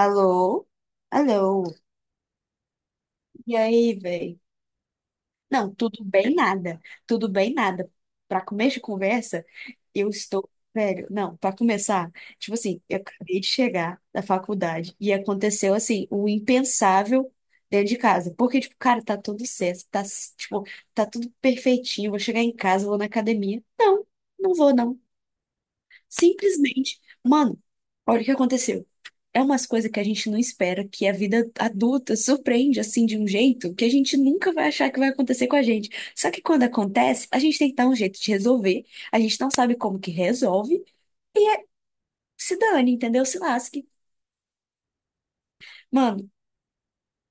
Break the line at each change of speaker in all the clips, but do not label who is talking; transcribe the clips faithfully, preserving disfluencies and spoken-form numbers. Alô? Alô? E aí, velho? Não, tudo bem nada. Tudo bem nada. Pra começo de conversa, eu estou, velho, não, pra começar, tipo assim, eu acabei de chegar da faculdade e aconteceu assim, o impensável dentro de casa. Porque tipo, cara, tá tudo certo, tá tipo, tá tudo perfeitinho, vou chegar em casa, vou na academia. Não, não vou não. Simplesmente, mano, olha o que aconteceu. É umas coisas que a gente não espera, que a vida adulta surpreende assim de um jeito que a gente nunca vai achar que vai acontecer com a gente. Só que quando acontece, a gente tem que dar um jeito de resolver, a gente não sabe como que resolve, se dane, entendeu? Se lasque. Mano,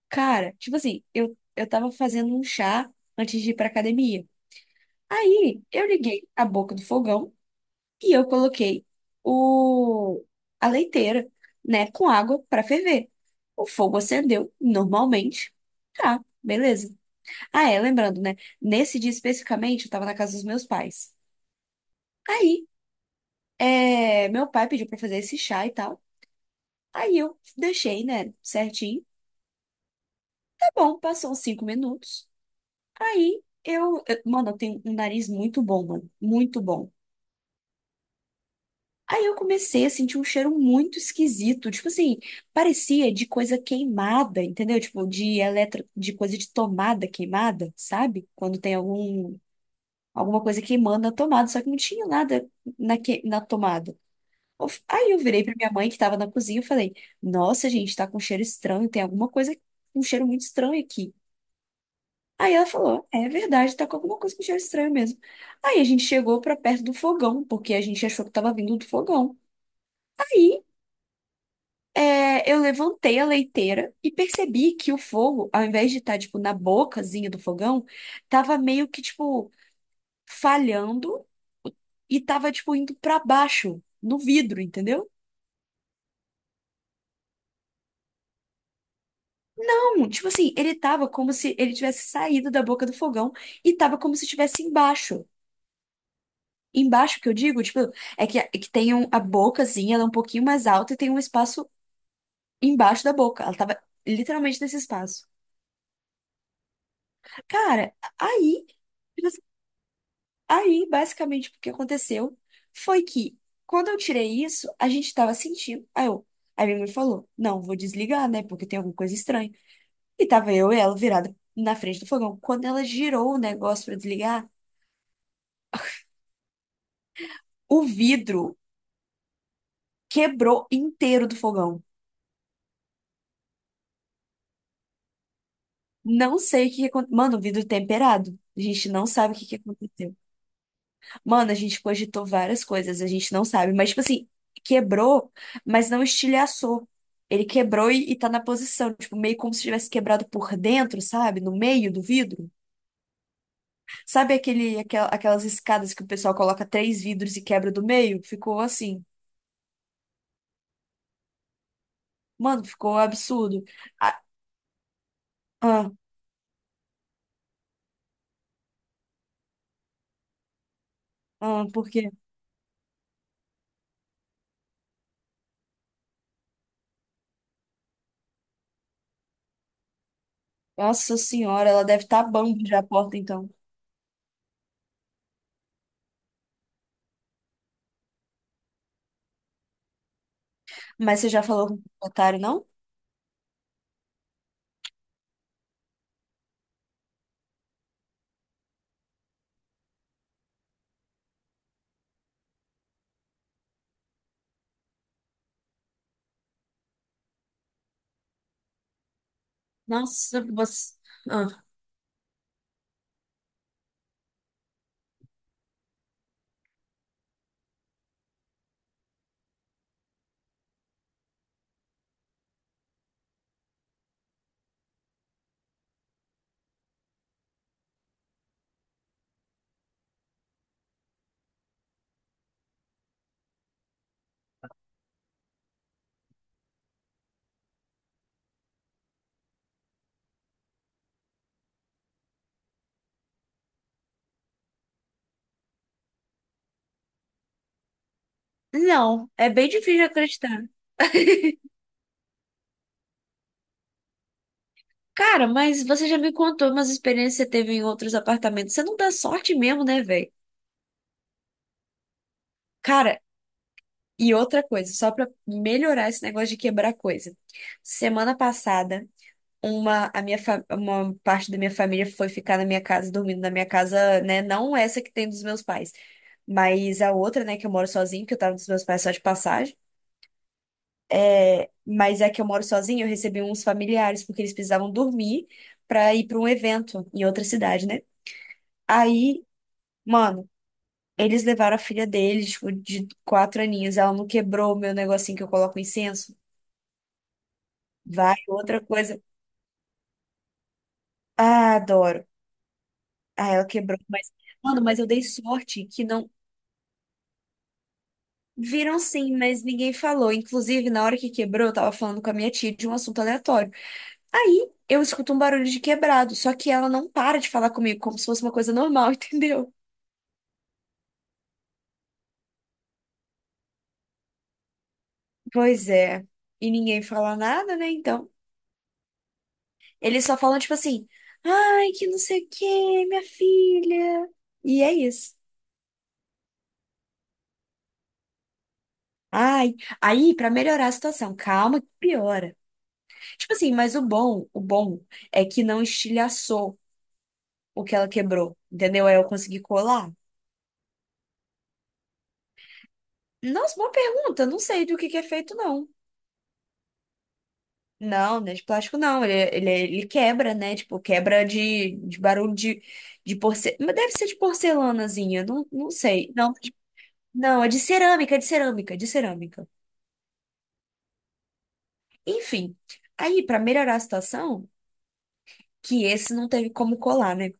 cara, tipo assim, eu, eu tava fazendo um chá antes de ir pra academia. Aí eu liguei a boca do fogão e eu coloquei o, a leiteira, né, com água pra ferver. O fogo acendeu normalmente. Tá, beleza. Ah, é, lembrando, né? Nesse dia especificamente, eu tava na casa dos meus pais. Aí, é, meu pai pediu pra fazer esse chá e tal. Aí eu deixei, né, certinho. Tá bom, passou uns cinco minutos. Aí eu, eu- mano, eu tenho um nariz muito bom, mano, muito bom. Aí eu comecei a sentir um cheiro muito esquisito, tipo assim, parecia de coisa queimada, entendeu? Tipo, de eletro, de coisa de tomada queimada, sabe? Quando tem algum, alguma coisa queimando na tomada, só que não tinha nada na, que, na tomada. Eu f- Aí eu virei pra minha mãe que tava na cozinha e falei: Nossa, gente, tá com cheiro estranho, tem alguma coisa um cheiro muito estranho aqui. Aí ela falou: É verdade, tá com alguma coisa com cheiro estranho mesmo. Aí a gente chegou pra perto do fogão, porque a gente achou que tava vindo do fogão. Aí é, eu levantei a leiteira e percebi que o fogo, ao invés de estar, tipo, na bocazinha do fogão, tava meio que, tipo, falhando e tava, tipo, indo pra baixo, no vidro, entendeu? Tipo assim, ele tava como se ele tivesse saído da boca do fogão e tava como se estivesse embaixo. Embaixo que eu digo, tipo, é que, é que tem um- a bocazinha, ela é um pouquinho mais alta e tem um espaço embaixo da boca. Ela tava literalmente nesse espaço. Cara, aí, tipo assim, aí basicamente o que aconteceu foi que quando eu tirei isso, a gente tava sentindo. Aí eu, aí minha mãe falou: Não, vou desligar, né? Porque tem alguma coisa estranha. E tava eu e ela virada na frente do fogão. Quando ela girou o negócio pra desligar. O vidro quebrou inteiro do fogão. Não sei o que aconteceu. Mano, o vidro é temperado. A gente não sabe o que que aconteceu. Mano, a gente cogitou várias coisas, a gente não sabe. Mas, tipo assim, quebrou, mas não estilhaçou. Ele quebrou e, e tá na posição, tipo, meio como se tivesse quebrado por dentro, sabe? No meio do vidro. Sabe aquele, aquel- aquelas escadas que o pessoal coloca três vidros e quebra do meio? Ficou assim. Mano, ficou um absurdo. Ah, ah, ah, por quê? Nossa senhora, ela deve estar tá bambi já a porta, então. Mas você já falou com o proprietário, não? Nossa, você. Ah. Não, é bem difícil de acreditar. Cara, mas você já me contou umas experiências que você teve em outros apartamentos. Você não dá sorte mesmo, né, velho? Cara, e outra coisa, só pra melhorar esse negócio de quebrar coisa. Semana passada, uma, a minha fa- uma parte da minha família foi ficar na minha casa, dormindo na minha casa, né? Não essa que tem dos meus pais. Mas a outra, né, que eu moro sozinho, que eu tava dos meus pais só de passagem, mas a que eu moro sozinho, eu recebi uns familiares, porque eles precisavam dormir pra ir pra um evento em outra cidade, né? Aí, mano, eles levaram a filha deles, tipo, de quatro aninhos, ela não quebrou o meu negocinho que eu coloco incenso. Vai, outra coisa. Ah, adoro. Ah, ela quebrou, mas, mano, mas eu dei sorte que não. Viram sim, mas ninguém falou. Inclusive, na hora que quebrou, eu tava falando com a minha tia de um assunto aleatório. Aí eu escuto um barulho de quebrado, só que ela não para de falar comigo, como se fosse uma coisa normal, entendeu? Pois é. E ninguém fala nada, né? Então, eles só falam tipo assim: ai, que não sei o quê, minha filha. E é isso. Ai, aí, pra melhorar a situação, calma que piora. Tipo assim, mas o bom, o bom é que não estilhaçou o que ela quebrou, entendeu? Aí eu consegui colar. Nossa, boa pergunta, não sei do que que é feito, não. Não, não é de plástico não, ele, ele, ele quebra, né? Tipo, quebra de, de barulho de, de porcelana. Mas deve ser de porcelanazinha, não, não sei. Não, de- não, é de cerâmica, é de cerâmica, é de cerâmica. Enfim, aí pra melhorar a situação, que esse não teve como colar, né?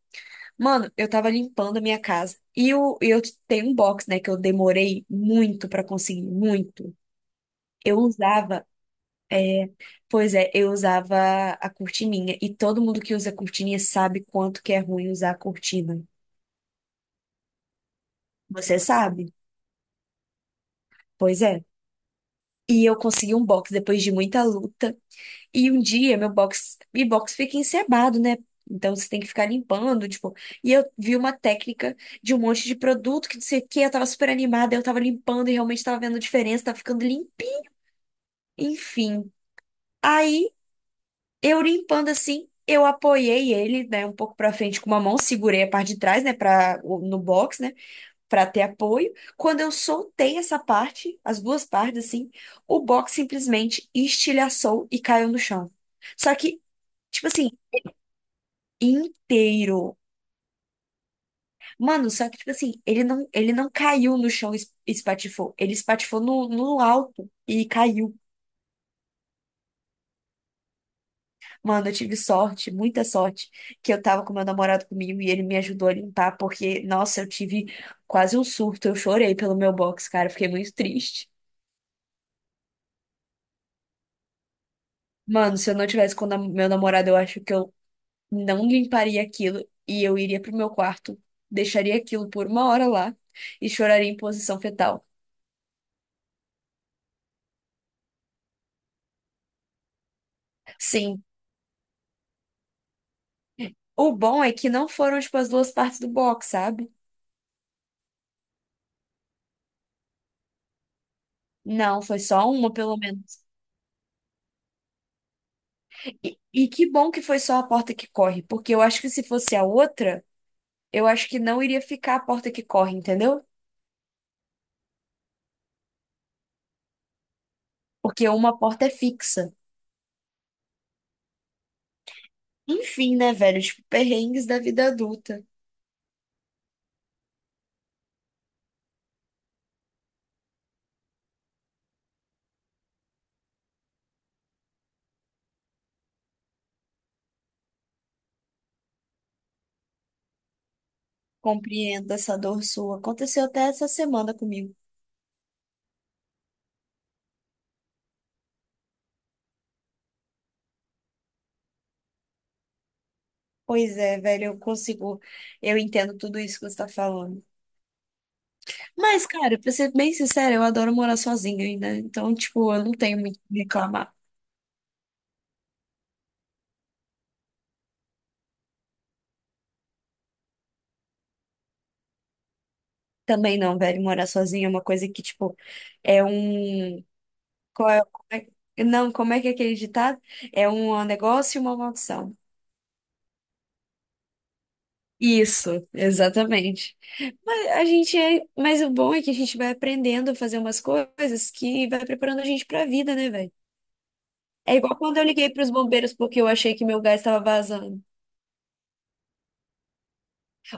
Mano, eu tava limpando a minha casa e eu, eu tenho um box, né, que eu demorei muito pra conseguir, muito. Eu usava, pois é, eu usava a cortininha e todo mundo que usa cortininha sabe quanto que é ruim usar a cortina. Você sabe? Pois é. E eu consegui um box depois de muita luta. E um dia meu box, e box fica encebado, né? Então você tem que ficar limpando, tipo. E eu vi uma técnica de um monte de produto que não sei o quê, eu tava super animada, eu tava limpando e realmente tava vendo diferença, tava ficando limpinho. Enfim. Aí eu limpando assim, eu apoiei ele, né, um pouco pra frente com uma mão, segurei a parte de trás, né, para no box, né? Para ter apoio. Quando eu soltei essa parte, as duas partes assim, o box simplesmente estilhaçou e caiu no chão. Só que, tipo assim, inteiro. Mano, só que tipo assim, ele não, ele não caiu no chão e es- espatifou, ele espatifou no, no alto e caiu. Mano, eu tive sorte, muita sorte, que eu tava com meu namorado comigo e ele me ajudou a limpar, porque, nossa, eu tive quase um surto, eu chorei pelo meu box, cara, eu fiquei muito triste. Mano, se eu não tivesse com o nam- meu namorado, eu acho que eu não limparia aquilo e eu iria pro meu quarto, deixaria aquilo por uma hora lá e choraria em posição fetal. Sim, o bom é que não foram, tipo, as duas partes do box, sabe? Não, foi só uma, pelo menos. E, e que bom que foi só a porta que corre, porque eu acho que se fosse a outra, eu acho que não iria ficar a porta que corre, entendeu? Porque uma porta é fixa. Enfim, né, velho? Tipo, perrengues da vida adulta. Compreendo essa dor sua. Aconteceu até essa semana comigo. Pois é, velho, eu consigo, eu entendo tudo isso que você tá falando. Mas, cara, pra ser bem sincera, eu adoro morar sozinha ainda. Então, tipo, eu não tenho muito o que reclamar. Também não, velho, morar sozinha é uma coisa que, tipo, é um. Qual é... como é- Não, como é que é aquele ditado? É um negócio e uma maldição. Isso, exatamente. Mas a gente é, mas o bom é que a gente vai aprendendo a fazer umas coisas que vai preparando a gente pra vida, né, velho? É igual quando eu liguei pros bombeiros porque eu achei que meu gás estava vazando.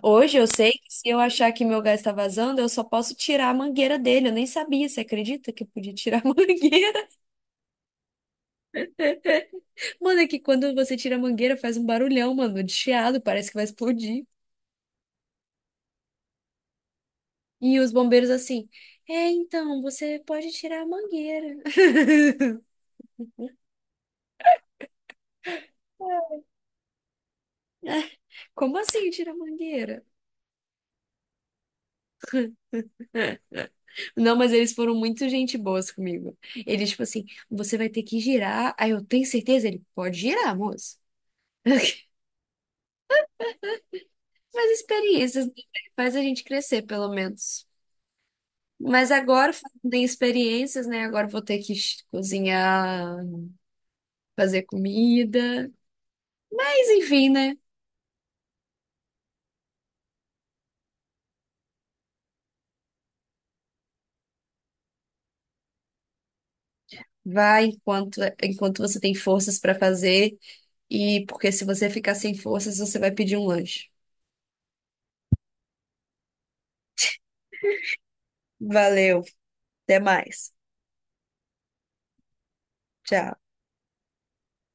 Hoje eu sei que se eu achar que meu gás está vazando, eu só posso tirar a mangueira dele. Eu nem sabia, você acredita que eu podia tirar a mangueira? Mano, é que quando você tira a mangueira faz um barulhão, mano, de chiado, parece que vai explodir. E os bombeiros assim, é, então, você pode tirar a mangueira. Como assim tirar a mangueira? Não, mas eles foram muito gente boas comigo. Eles, tipo assim, você vai ter que girar. Aí eu tenho certeza, ele pode girar, moço. Mas experiências né, faz a gente crescer, pelo menos. Mas agora, falando em experiências, né? Agora eu vou ter que ch- cozinhar, fazer comida. Mas enfim, né? Vai enquanto, enquanto você tem forças para fazer. E porque se você ficar sem forças, você vai pedir um lanche. Valeu, até mais. Tchau.